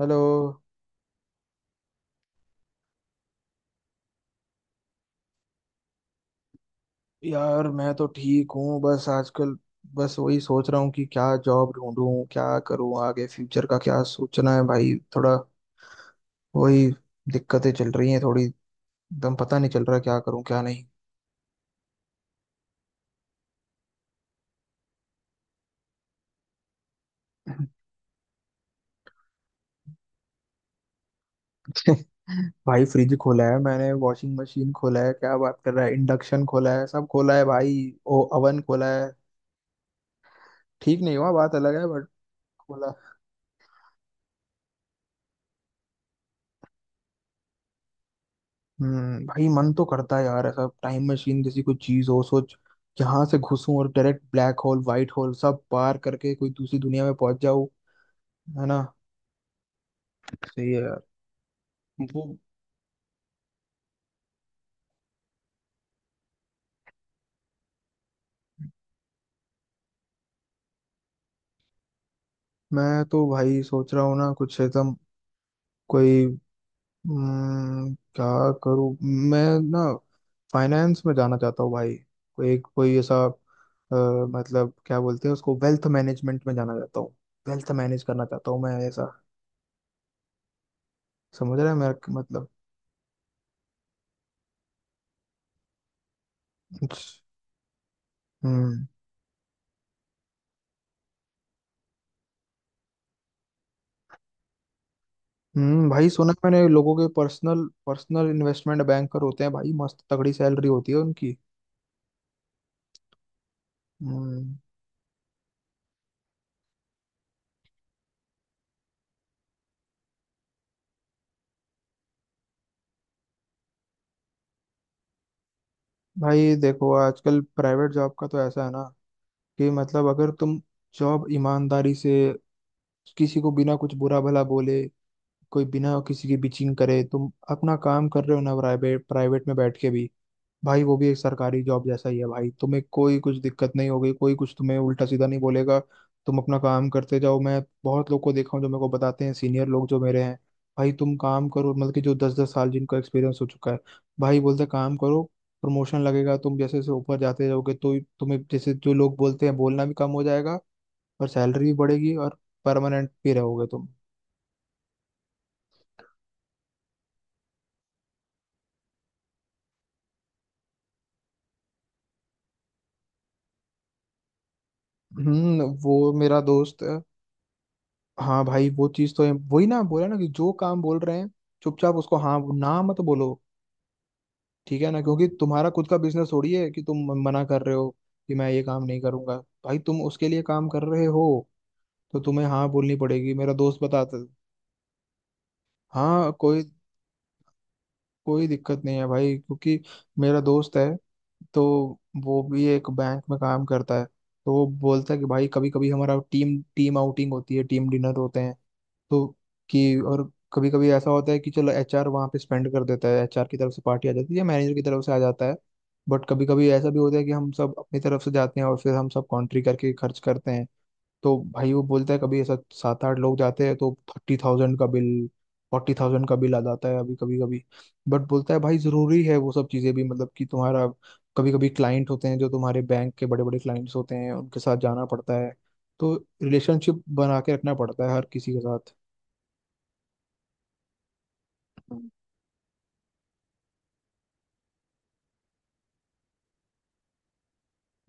Hello. यार मैं तो ठीक हूँ। बस आजकल बस वही सोच रहा हूँ कि क्या जॉब ढूंढूं, क्या करूँ, आगे फ्यूचर का क्या सोचना है। भाई थोड़ा वही, दिक्कतें चल रही हैं थोड़ी। एकदम पता नहीं चल रहा क्या करूँ क्या नहीं। भाई फ्रिज खोला है मैंने, वॉशिंग मशीन खोला है, क्या बात कर रहा है, इंडक्शन खोला है, सब खोला है भाई। ओ ओवन खोला है। ठीक नहीं हुआ, बात अलग है। बट हम्म, भाई मन तो करता है यार ऐसा टाइम मशीन जैसी कोई चीज हो। सोच, जहां से घुसूं और direct black hole white hole सब पार करके कोई दूसरी दुनिया में पहुंच जाऊं। है ना। सही है यार। वो, मैं तो भाई सोच रहा हूँ ना कुछ एकदम कोई, क्या करूँ मैं ना, फाइनेंस में जाना चाहता हूँ भाई। कोई एक, कोई ऐसा, मतलब क्या बोलते हैं उसको, वेल्थ मैनेजमेंट में जाना चाहता हूँ। वेल्थ मैनेज करना चाहता हूँ मैं, ऐसा। समझ रहा है मेरा मतलब। हम्म। हम्म, भाई सुना है मैंने, लोगों के पर्सनल पर्सनल इन्वेस्टमेंट बैंकर होते हैं भाई, मस्त तगड़ी सैलरी होती है उनकी। हम्म। भाई देखो आजकल प्राइवेट जॉब का तो ऐसा है ना, कि मतलब अगर तुम जॉब ईमानदारी से, किसी को बिना कुछ बुरा भला बोले, कोई बिना किसी की बिचिंग करे तुम अपना काम कर रहे हो ना, प्राइवेट प्राइवेट में बैठ के भी, भाई वो भी एक सरकारी जॉब जैसा ही है। भाई तुम्हें कोई कुछ दिक्कत नहीं होगी, कोई कुछ तुम्हें उल्टा सीधा नहीं बोलेगा। तुम अपना काम करते जाओ। मैं बहुत लोग को देखा हूँ जो मेरे को बताते हैं, सीनियर लोग जो मेरे हैं, भाई तुम काम करो, मतलब कि जो दस दस साल जिनका एक्सपीरियंस हो चुका है। भाई बोलते काम करो, प्रमोशन लगेगा। तुम जैसे जैसे ऊपर जाते जाओगे तो तुम्हें, जैसे जो लोग बोलते हैं, बोलना भी कम हो जाएगा और सैलरी भी बढ़ेगी और परमानेंट भी रहोगे तुम। हम्म, वो मेरा दोस्त है। हाँ भाई, वो चीज तो है। वही ना बोला ना कि जो काम बोल रहे हैं चुपचाप उसको हाँ, ना मत बोलो। ठीक है ना, क्योंकि तुम्हारा खुद का बिजनेस थोड़ी है कि तुम मना कर रहे हो कि मैं ये काम नहीं करूंगा। भाई तुम उसके लिए काम कर रहे हो, तो तुम्हें हाँ बोलनी पड़ेगी। मेरा दोस्त बताता है। हाँ, कोई कोई दिक्कत नहीं है भाई, क्योंकि मेरा दोस्त है तो, वो भी एक बैंक में काम करता है तो वो बोलता है कि भाई, कभी कभी हमारा टीम टीम आउटिंग होती है, टीम डिनर होते हैं। तो कि और कभी कभी ऐसा होता है कि चलो एचआर वहाँ पे स्पेंड कर देता है, एचआर की तरफ से पार्टी आ जाती है या मैनेजर की तरफ से आ जाता है। बट कभी कभी ऐसा भी होता है कि हम सब अपनी तरफ से जाते हैं और फिर हम सब कॉन्ट्री करके खर्च करते हैं। तो भाई वो बोलता है कभी ऐसा सात आठ लोग जाते हैं तो 30,000 का बिल, 40,000 का बिल आ जाता है अभी, कभी कभी। बट बोलता है भाई जरूरी है वो सब चीज़ें भी, मतलब कि तुम्हारा, कभी कभी क्लाइंट होते हैं जो तुम्हारे बैंक के बड़े बड़े क्लाइंट्स होते हैं, उनके साथ जाना पड़ता है। तो रिलेशनशिप बना के रखना पड़ता है हर किसी के साथ।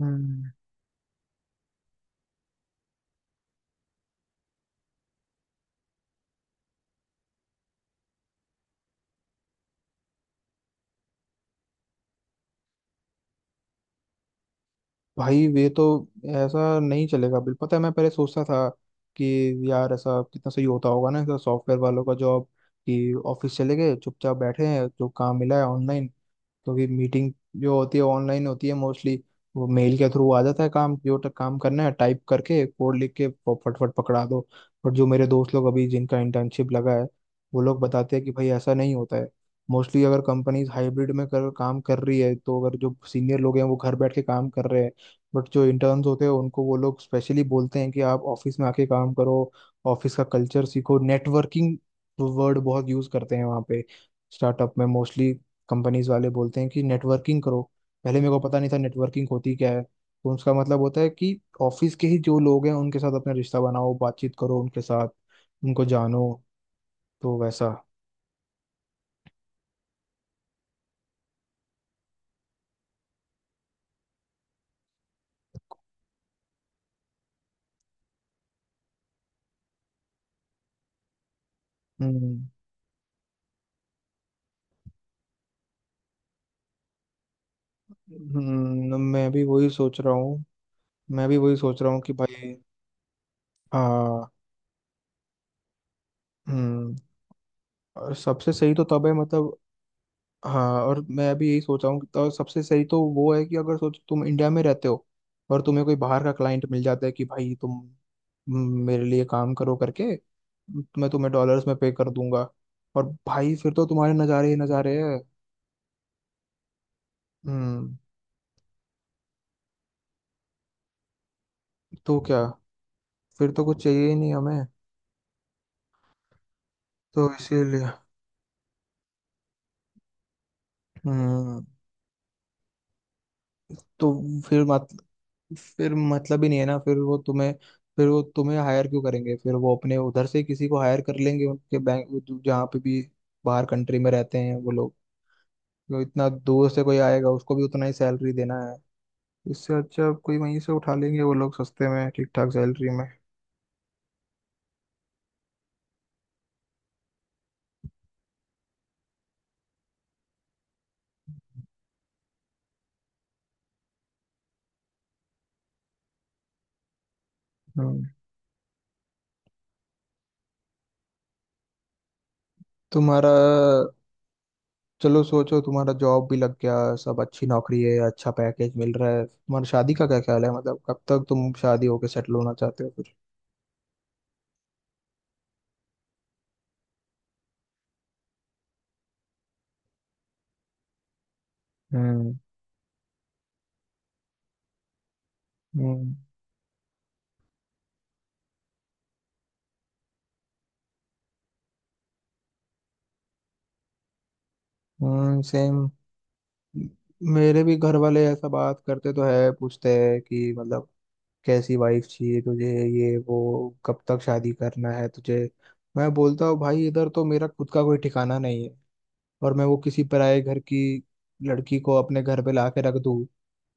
हम्म। भाई ये तो, ऐसा नहीं चलेगा बिल। पता है मैं पहले सोचता था कि यार ऐसा कितना सही होता होगा ना, ऐसा सॉफ्टवेयर वालों का जॉब, कि ऑफिस चले गए, चुपचाप बैठे हैं, जो काम मिला है ऑनलाइन। क्योंकि मीटिंग जो होती है ऑनलाइन होती है मोस्टली। वो मेल के थ्रू आ जाता है काम, जो काम करना है टाइप करके, कोड लिख के फटफट पकड़ा दो। और जो मेरे दोस्त लोग अभी जिनका इंटर्नशिप लगा है वो लोग बताते हैं कि भाई ऐसा नहीं होता है। मोस्टली अगर कंपनीज हाइब्रिड में कर काम कर रही है तो, अगर जो सीनियर लोग हैं वो घर बैठ के काम कर रहे हैं, बट जो इंटर्न्स होते हैं उनको वो लोग स्पेशली बोलते हैं कि आप ऑफिस में आके काम करो, ऑफिस का कल्चर सीखो। नेटवर्किंग वर्ड बहुत यूज करते हैं वहाँ पे, स्टार्टअप में मोस्टली। कंपनीज वाले बोलते हैं कि नेटवर्किंग करो। पहले मेरे को पता नहीं था नेटवर्किंग होती क्या है। तो उसका मतलब होता है कि ऑफिस के ही जो लोग हैं उनके साथ अपना रिश्ता बनाओ, बातचीत करो उनके साथ, उनको जानो, तो वैसा। हम्म। मैं भी वही सोच रहा हूँ। मैं भी वही सोच रहा हूँ कि भाई। हाँ। हम्म। और सबसे सही तो तब है मतलब, हाँ, और मैं अभी यही सोच रहा हूँ तो सबसे सही तो वो है कि अगर सोचो तुम इंडिया में रहते हो और तुम्हें कोई बाहर का क्लाइंट मिल जाता है कि भाई तुम, म, मेरे लिए काम करो करके, मैं तुम्हें डॉलर्स में पे कर दूंगा। और भाई फिर तो तुम्हारे नज़ारे ही नज़ारे हैं। हम्म। तो क्या, फिर तो कुछ चाहिए ही नहीं हमें। तो इसीलिए, हम्म। तो फिर मत फिर मतलब ही नहीं है ना। फिर वो तुम्हें हायर क्यों करेंगे। फिर वो अपने उधर से ही किसी को हायर कर लेंगे उनके बैंक, जहाँ पे भी बाहर कंट्री में रहते हैं वो लोग। तो इतना दूर से कोई आएगा, उसको भी उतना ही सैलरी देना है। इससे अच्छा कोई वहीं से उठा लेंगे वो लोग, सस्ते में, ठीक ठाक सैलरी में। हम्म। तुम्हारा चलो सोचो, तुम्हारा जॉब भी लग गया, सब अच्छी नौकरी है, अच्छा पैकेज मिल रहा है, तुम्हारा शादी का क्या ख्याल है? मतलब कब तक तुम शादी होके सेटल होना चाहते हो फिर? हम्म। हम्म, सेम। मेरे भी घर वाले ऐसा बात करते तो है, पूछते हैं कि मतलब कैसी वाइफ चाहिए तुझे, ये वो, कब तक शादी करना है तुझे। मैं बोलता हूँ भाई इधर तो मेरा खुद का कोई ठिकाना नहीं है, और मैं वो किसी पराये घर की लड़की को अपने घर पे ला के रख दूँ,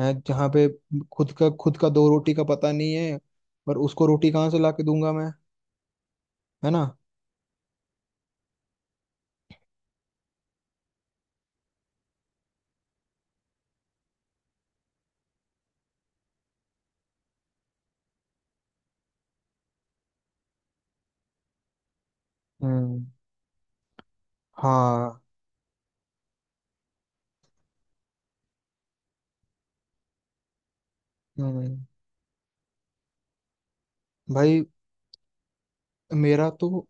है जहाँ पे खुद का दो रोटी का पता नहीं है, और उसको रोटी कहाँ से ला के दूंगा मैं। है ना। हम्म। हाँ। हम्म, भाई मेरा तो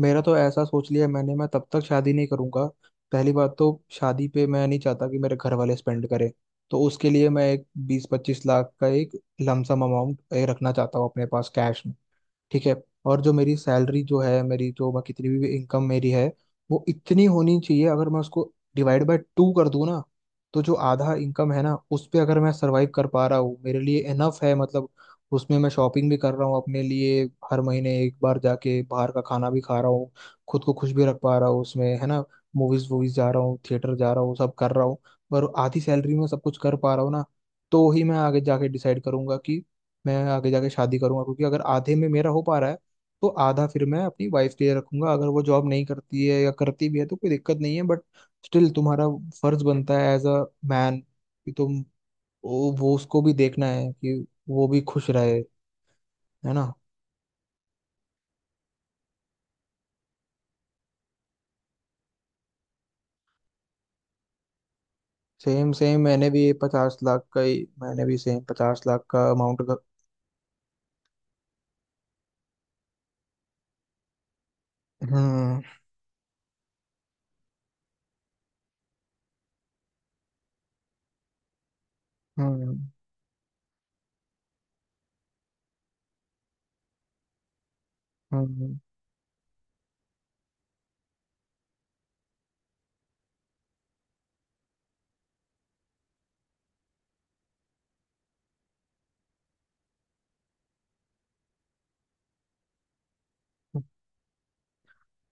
मेरा तो ऐसा सोच लिया मैंने, मैं तब तक शादी नहीं करूंगा। पहली बात तो, शादी पे मैं नहीं चाहता कि मेरे घर वाले स्पेंड करें। तो उसके लिए मैं एक 20-25 लाख का एक लमसम अमाउंट रखना चाहता हूँ अपने पास कैश। ठीक है। और जो मेरी सैलरी जो है, मेरी जो, मैं कितनी भी इनकम मेरी है, वो इतनी होनी चाहिए, अगर मैं उसको डिवाइड बाय टू कर दूं ना तो जो आधा इनकम है ना उस पे अगर मैं सरवाइव कर पा रहा हूँ, मेरे लिए इनफ है मतलब। उसमें मैं शॉपिंग भी कर रहा हूँ अपने लिए, हर महीने एक बार जाके बाहर का खाना भी खा रहा हूँ, खुद को खुश भी रख पा रहा हूँ उसमें, है ना। मूवीज वूवीज जा रहा हूँ, थिएटर जा रहा हूँ, सब कर रहा हूँ। पर आधी सैलरी में सब कुछ कर पा रहा हूँ ना, तो ही मैं आगे जाके डिसाइड करूंगा कि मैं आगे जाके शादी करूंगा। क्योंकि अगर आधे में मेरा हो पा रहा है तो आधा फिर मैं अपनी वाइफ के लिए रखूंगा। अगर वो जॉब नहीं करती है या करती भी है तो कोई दिक्कत नहीं है, बट स्टिल तुम्हारा फर्ज बनता है एज अ मैन कि तुम, वो उसको भी देखना है कि वो भी खुश रहे, है ना। सेम सेम, मैंने भी 50 लाख का ही, मैंने भी सेम 50 लाख का अमाउंट का। हम्म। हम्म। हम्म।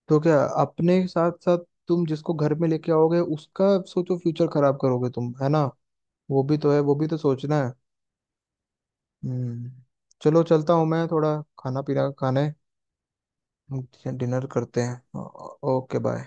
तो क्या, अपने साथ साथ तुम जिसको घर में लेके आओगे उसका सोचो, फ्यूचर खराब करोगे तुम, है ना। वो भी तो है, वो भी तो सोचना है। हम्म। चलो चलता हूँ मैं, थोड़ा खाना पीना खाने, डिनर करते हैं। Okay bye.